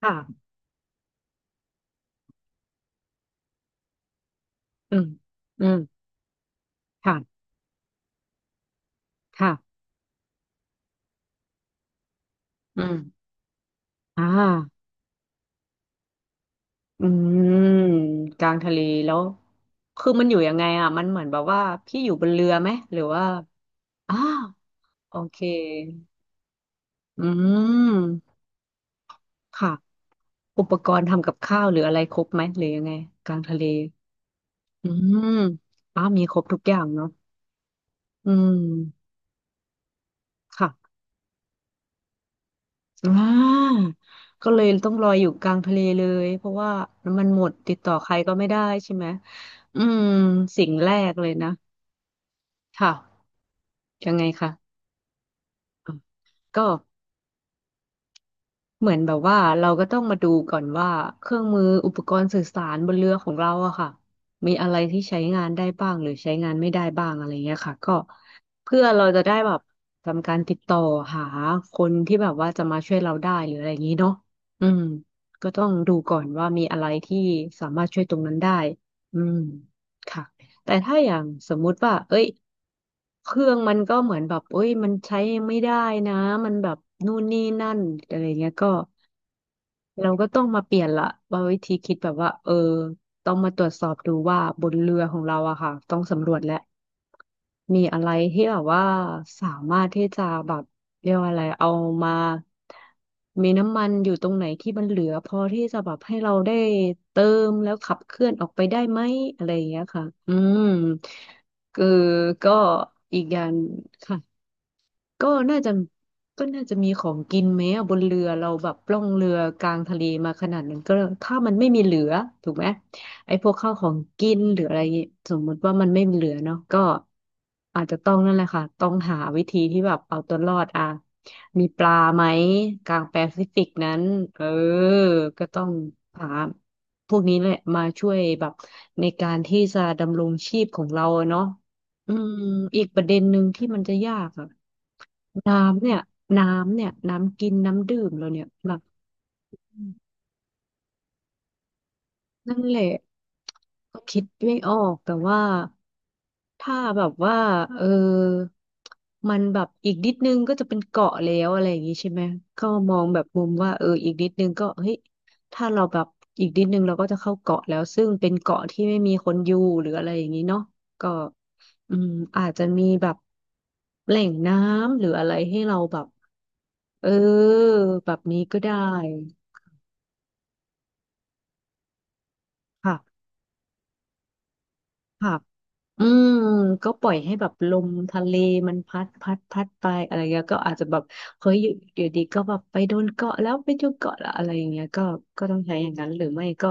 ค่ะอืมอืมค่ะค่ะอืมอ่าอืมกลางทะเล แล้ว คือมันอยู่ยังไงอ่ะมันเหมือนแบบว่าพี่อยู่บนเรือไหม หรือว่าอ้าวโอเคอืมค่ะอุปกรณ์ทำกับข้าวหรืออะไรครบไหมหรือยังไงกลางทะเล อืมอ้าวมีครบทุกอย่างเนาะอืมค่ะ อ่าก็เลยต้องลอยอยู่กลางทะเลเลยเพราะว่าน้ำมันหมดติดต่อใครก็ไม่ได้ใช่ไหม อืม สิ่งแรกเลยนะค่ะยังไงคะอ่ะก็ เหมือนแบบว่าเราก็ต้องมาดูก่อนว่าเครื่องมืออุปกรณ์สื่อสารบนเรือของเราอะค่ะมีอะไรที่ใช้งานได้บ้างหรือใช้งานไม่ได้บ้างอะไรเงี้ยค่ะก็เพื่อเราจะได้แบบทำการติดต่อหาคนที่แบบว่าจะมาช่วยเราได้หรืออะไรอย่างนี้เนาะอืมก็ต้องดูก่อนว่ามีอะไรที่สามารถช่วยตรงนั้นได้อืมค่ะแต่ถ้าอย่างสมมุติว่าเอ้ยเครื่องมันก็เหมือนแบบเอ้ยมันใช้ไม่ได้นะมันแบบนู่นนี่นั่นอะไรเงี้ยก็ เราก็ต้องมาเปลี่ยนละว่าวิธีคิดแบบว่าเออต้องมาตรวจสอบดูว่าบนเรือของเราอะค่ะต้องสำรวจและมีอะไรที่แบบว่าสามารถที่จะแบบเรียกว่าอะไรเอามามีน้ำมันอยู่ตรงไหนที่มันเหลือพอที่จะแบบให้เราได้เติมแล้วขับเคลื่อนออกไปได้ไหมอะไรอย่างเงี้ยค่ะอืมคือก็อีกอย่างค่ะ ก็น่าจะก็น่าจะมีของกินไหมอะบนเรือเราแบบล่องเรือกลางทะเลมาขนาดนั้นก็ถ้ามันไม่มีเหลือถูกไหมไอ้พวกข้าวของกินหรืออะไรอย่างงี้สมมติว่ามันไม่มีเหลือเนาะก็อาจจะต้องนั่นแหละค่ะต้องหาวิธีที่แบบเอาตัวรอดอ่ะมีปลาไหมกลางแปซิฟิกนั้นเออก็ต้องหาพวกนี้แหละมาช่วยแบบในการที่จะดำรงชีพของเราอะเนาะอืมอีกประเด็นหนึ่งที่มันจะยากอะ น้ำเนี่ยน้ำกินน้ำดื่มเราเนี่ยแบบอืม นั่นแหละก็คิดไม่ออกแต่ว่าถ้าแบบว่าเออมันแบบอีกนิดนึงก็จะเป็นเกาะแล้วอะไรอย่างงี้ใช่ไหมก็มองแบบมุมว่าเอออีกนิดนึงก็เฮ้ยถ้าเราแบบอีกนิดนึงเราก็จะเข้าเกาะแล้วซึ่งเป็นเกาะที่ไม่มีคนอยู่หรืออะไรอย่างนี้เนาะก็อืมอาจจะมีแบบแหล่งน้ำหรืออะไรให้เราแบบเออแบบนี้ก็ได้ค่ะ ครับอืมก็ปล่อยให้แบบลมทะเลมันพัดพัดไปอะไรเงี้ยก็อาจจะแบบเฮ้ยอยู่อยู่ดีก็แบบไปโดนเกาะแล้วไปโดนเกาะแล้วอะไรอย่างเงี้ยก็ก็ต้องใช้อย่างนั้นหรือไม่ก็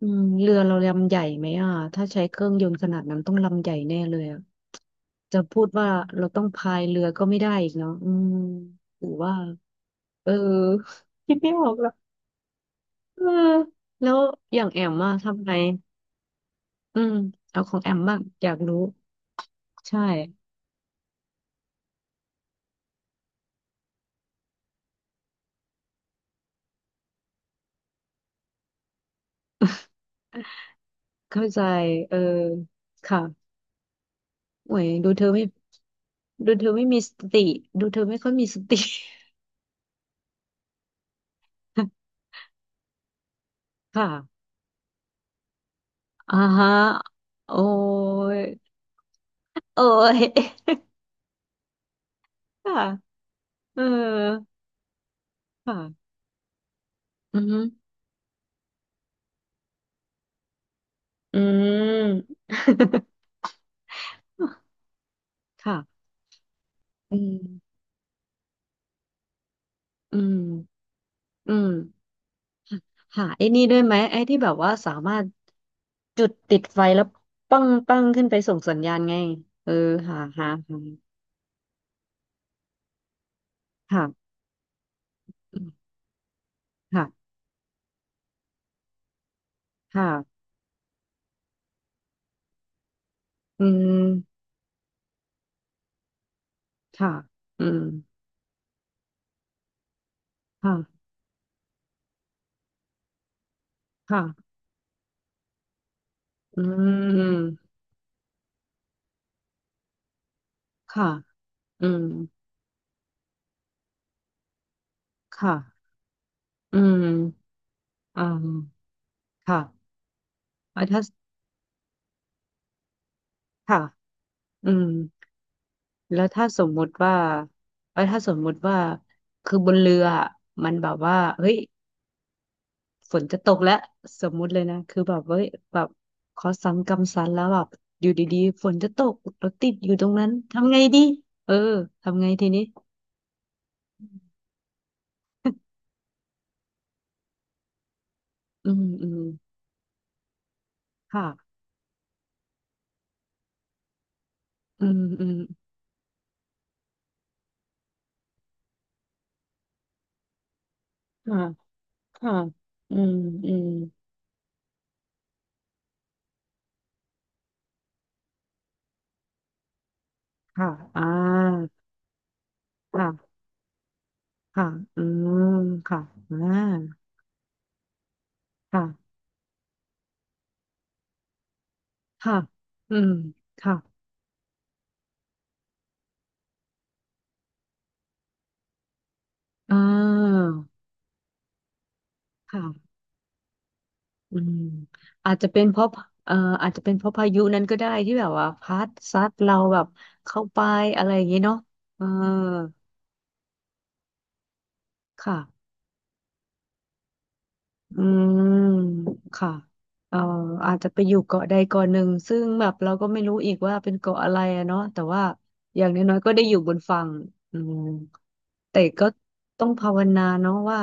อืมเรือเราลำใหญ่ไหมอ่ะถ้าใช้เครื่องยนต์ขนาดนั้นต้องลำใหญ่แน่เลยอ่ะจะพูดว่าเราต้องพายเรือก็ไม่ได้อีกเนาะอืมหรือว่าเออ คิดไม่ออกแล้วเออแล้วอย่างแอมอะทำไงอืมเอาของแอมบ้างอยากรู้ใช่ เข้าใจเออค่ะโอ้ยดูเธอไม่ดูเธอไม่มีสติดูเธอไม่ค่อยมีสติ ค่ะอ่าฮะโอ้ยโอ้ย ค่ะเออค่ะอืมอืม ค่ะอืมอืมอืมหาไอ้นี่ด้วยไหมไอ้ที่แบบว่าสามารถจุดติดไฟแล้วปั้งขึ้นไปส่งสัญญาณไงเออหาค่ะอืมค่ะค่ะ อืมค่ะอืมค่ะค่ะอืมค่ะอืมค่ะอืมอ่าค่ะอ่าถ้าค่ะอืมแล้วถ้าสมมุติว่าถ้าสมมุติว่า คือบนเรืออะมันแบบว่าเฮ้ยฝนจะตกแล้วสมมุติเลยนะคือแบบเฮ้ยแบบขอสังกำสันแล้วแบบอยู่ดีๆฝนจะตกรถติดอยู่ตรงนั้นทำไงดีเออทำไงทีนี้อืมค่ะอืม ค่ะค่ะอืมอืมค่ะอ่าค่ะค่ะอืมค่ะอ่าค่ะค่ะอืมค่ะอ่าค่ะอืมอาจจะเป็นเพราะเอ่ออาจจะเป็นเพราะพายุนั้นก็ได้ที่แบบว่าพัดซัดเราแบบเข้าไปอะไรอย่างนี้เนาะเออค่ะ อืมค่ะเอ่ออาจจะไปอยู่เกาะใดเกาะหนึ่งซึ่งแบบเราก็ไม่รู้อีกว่าเป็นเกาะอะไรอะเนาะแต่ว่าอย่างน้อยๆก็ได้อยู่บนฝั่งอืมแต่ก็ต้องภาวนาเนาะว่า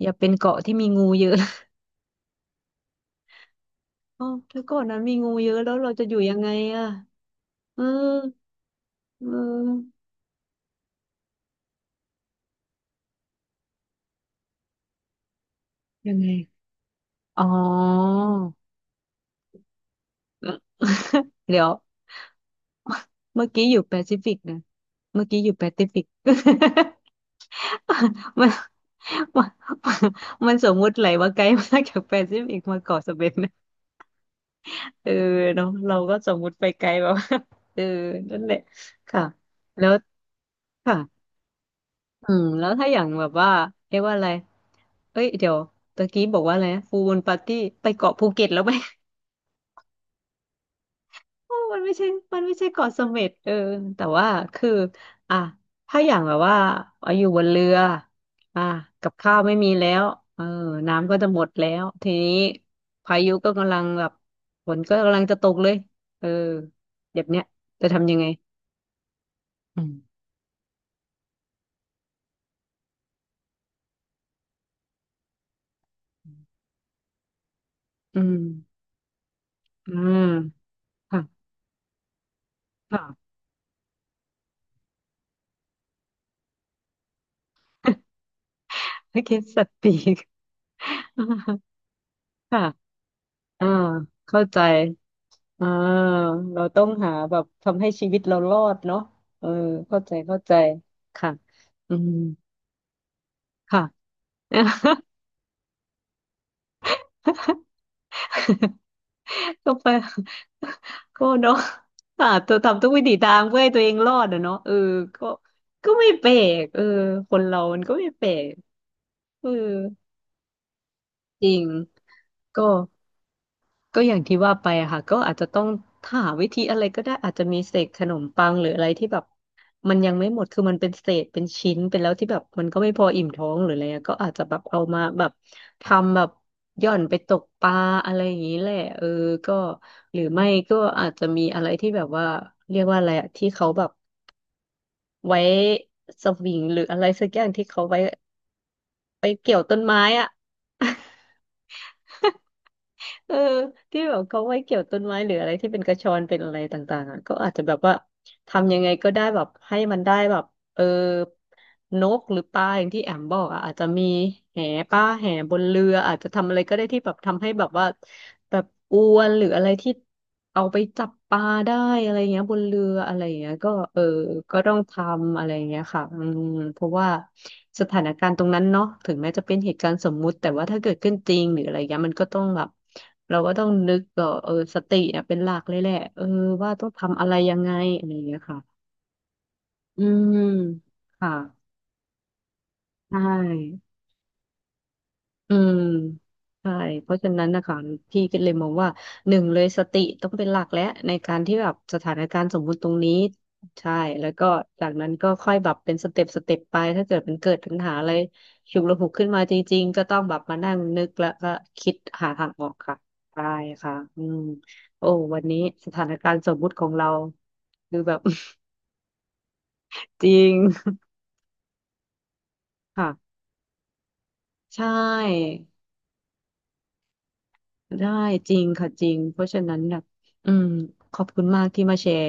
อย่าเป็นเกาะที่มีงูเยอะ อ๋อถ้าเกาะนั้นมีงูเยอะแล้วเราจะอยู่ยังไงอะเออเออยังไง อ๋อ เดี๋ยว เมื่อกี้อยู่แปซิฟิกนะเมื่อกี้อยู่แปซิฟิก มัน มันมันสมมุติไหลว่าไกลมากจากแปซิฟิกมาเกาะสเปน นะเออเนาะเราก็สมมุติไปไกลแบบ ว่าเออนั่นแหละค่ะแล้วค่ะอืมแล้วถ้าอย่างแบบว่าเรียกว่าอะไรเอ้ยเดี๋ยวตะกี้บอกว่าอะไรนะฟูลมูนปาร์ตี้ไปเกาะภูเก็ตแล้วไหม โอ้มันไม่ใช่มันไม่ใช่เกาะเสม็ดเออแต่ว่าคือ อ่ะ ถ้าอย่างแบบว่าเอาอยู่บนเรืออ่ะกับข้าวไม่มีแล้วเออน้ำก็จะหมดแล้ว ทีนี้พายุก็กำลังแบบฝนก็กำลังจะตกเลยเออแบบเนี้ยจะทำยังไง อืมอืมอืมค่ะค่ะ โอเคสติก ค่ะอ่าเข้าใจ อ่าเราต้องหาแบบทำให้ชีวิตเรารอดเนาะเออเข้าใจเข้าใจ ค่ะ อืม ค่ะ ก็ไป ก็เนาะค่ะตัวทำทุกวิถีทางเพื่อให้ตัวเองรอดอะเนาะเออก็ไม่แปลกเออคนเรามันก็ไม่แปลกเออจริงก็ ก็อย่างที่ว่าไปอะค่ะก็อาจจะต้องหาวิธีอะไรก็ได้อาจจะมีเศษขนมปังหรืออะไรที่แบบมันยังไม่หมดคือมันเป็นเศษเป็นชิ้นเป็นแล้วที่แบบมันก็ไม่พออิ่มท้องหรืออะไรอะก็อาจจะแบบเอามาแบบทำแบบหย่อนไปตกปลาอะไรอย่างนี้แหละเออก็หรือไม่ก็อาจจะมีอะไรที่แบบว่าเรียกว่าอะไรอะที่เขาแบบไว้สวิงหรืออะไรสักอย่างที่เขาไว้ไปเกี่ยวต้นไม้อะ เออที่แบบเขาไม่เกี่ยวต้นไม้หรืออะไรที่เป็นกระชอนเป็นอะไรต่างๆอ่ะก็อาจจะแบบว่าทำยังไงก็ได้แบบให้มันได้แบบ เออนกหรือปลาอย่างที่แอมบอกอ่ะอาจจะมีแหป้าแหบนเรืออาจจะทำอะไรก็ได้ที่แบบทำให้แบบว่าแบบอวนหรืออะไรที่เอาไปจับปลาได้อะไรเงี้ยบนเรืออะไรเงี้ยก็เออก็ต้องทำอะไรเงี้ยค่ะอืมเพราะว่าสถานการณ์ตรงนั้นเนาะถึงแม้จะเป็นเหตุการณ์สมมุติแต่ว่าถ้าเกิดขึ้นจริงหรืออะไรเงี้ยมันก็ต้องแบบเราก็ต้องนึกก็เออสติเนี่ยเป็นหลักเลยแหละเออว่าต้องทำอะไรยังไงอะไรเงี้ยค่ะอืมค่ะ ใช่อืมใช่ เพราะฉะนั้นนะคะพี่ก็เลยมองว่าหนึ่งเลยสติต้องเป็นหลักและในการที่แบบสถานการณ์สมมุติตรงนี้ใช่แล้วก็จากนั้นก็ค่อยแบบเป็นสเต็ปสเต็ปไปถ้าเกิดมันเกิดปัญหาอะไรฉุกละหุกขึ้นมาจริงๆก็ต้องแบบมานั่งนึกแล้วก็คิดหาทางออกค่ะได้ค่ะอืมโอ้วันนี้สถานการณ์สมมุติของเราคือแบบ จริงค่ะใช่ ได้จริงค่ะจริงเพราะฉะนั้นแบบอืมขอบคุณมากที่มาแชร์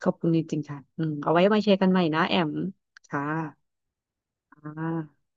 ขอบคุณจริงๆค่ะอืมเอาไว้มาแชร์กันใหม่นะแอมค่ะอ่า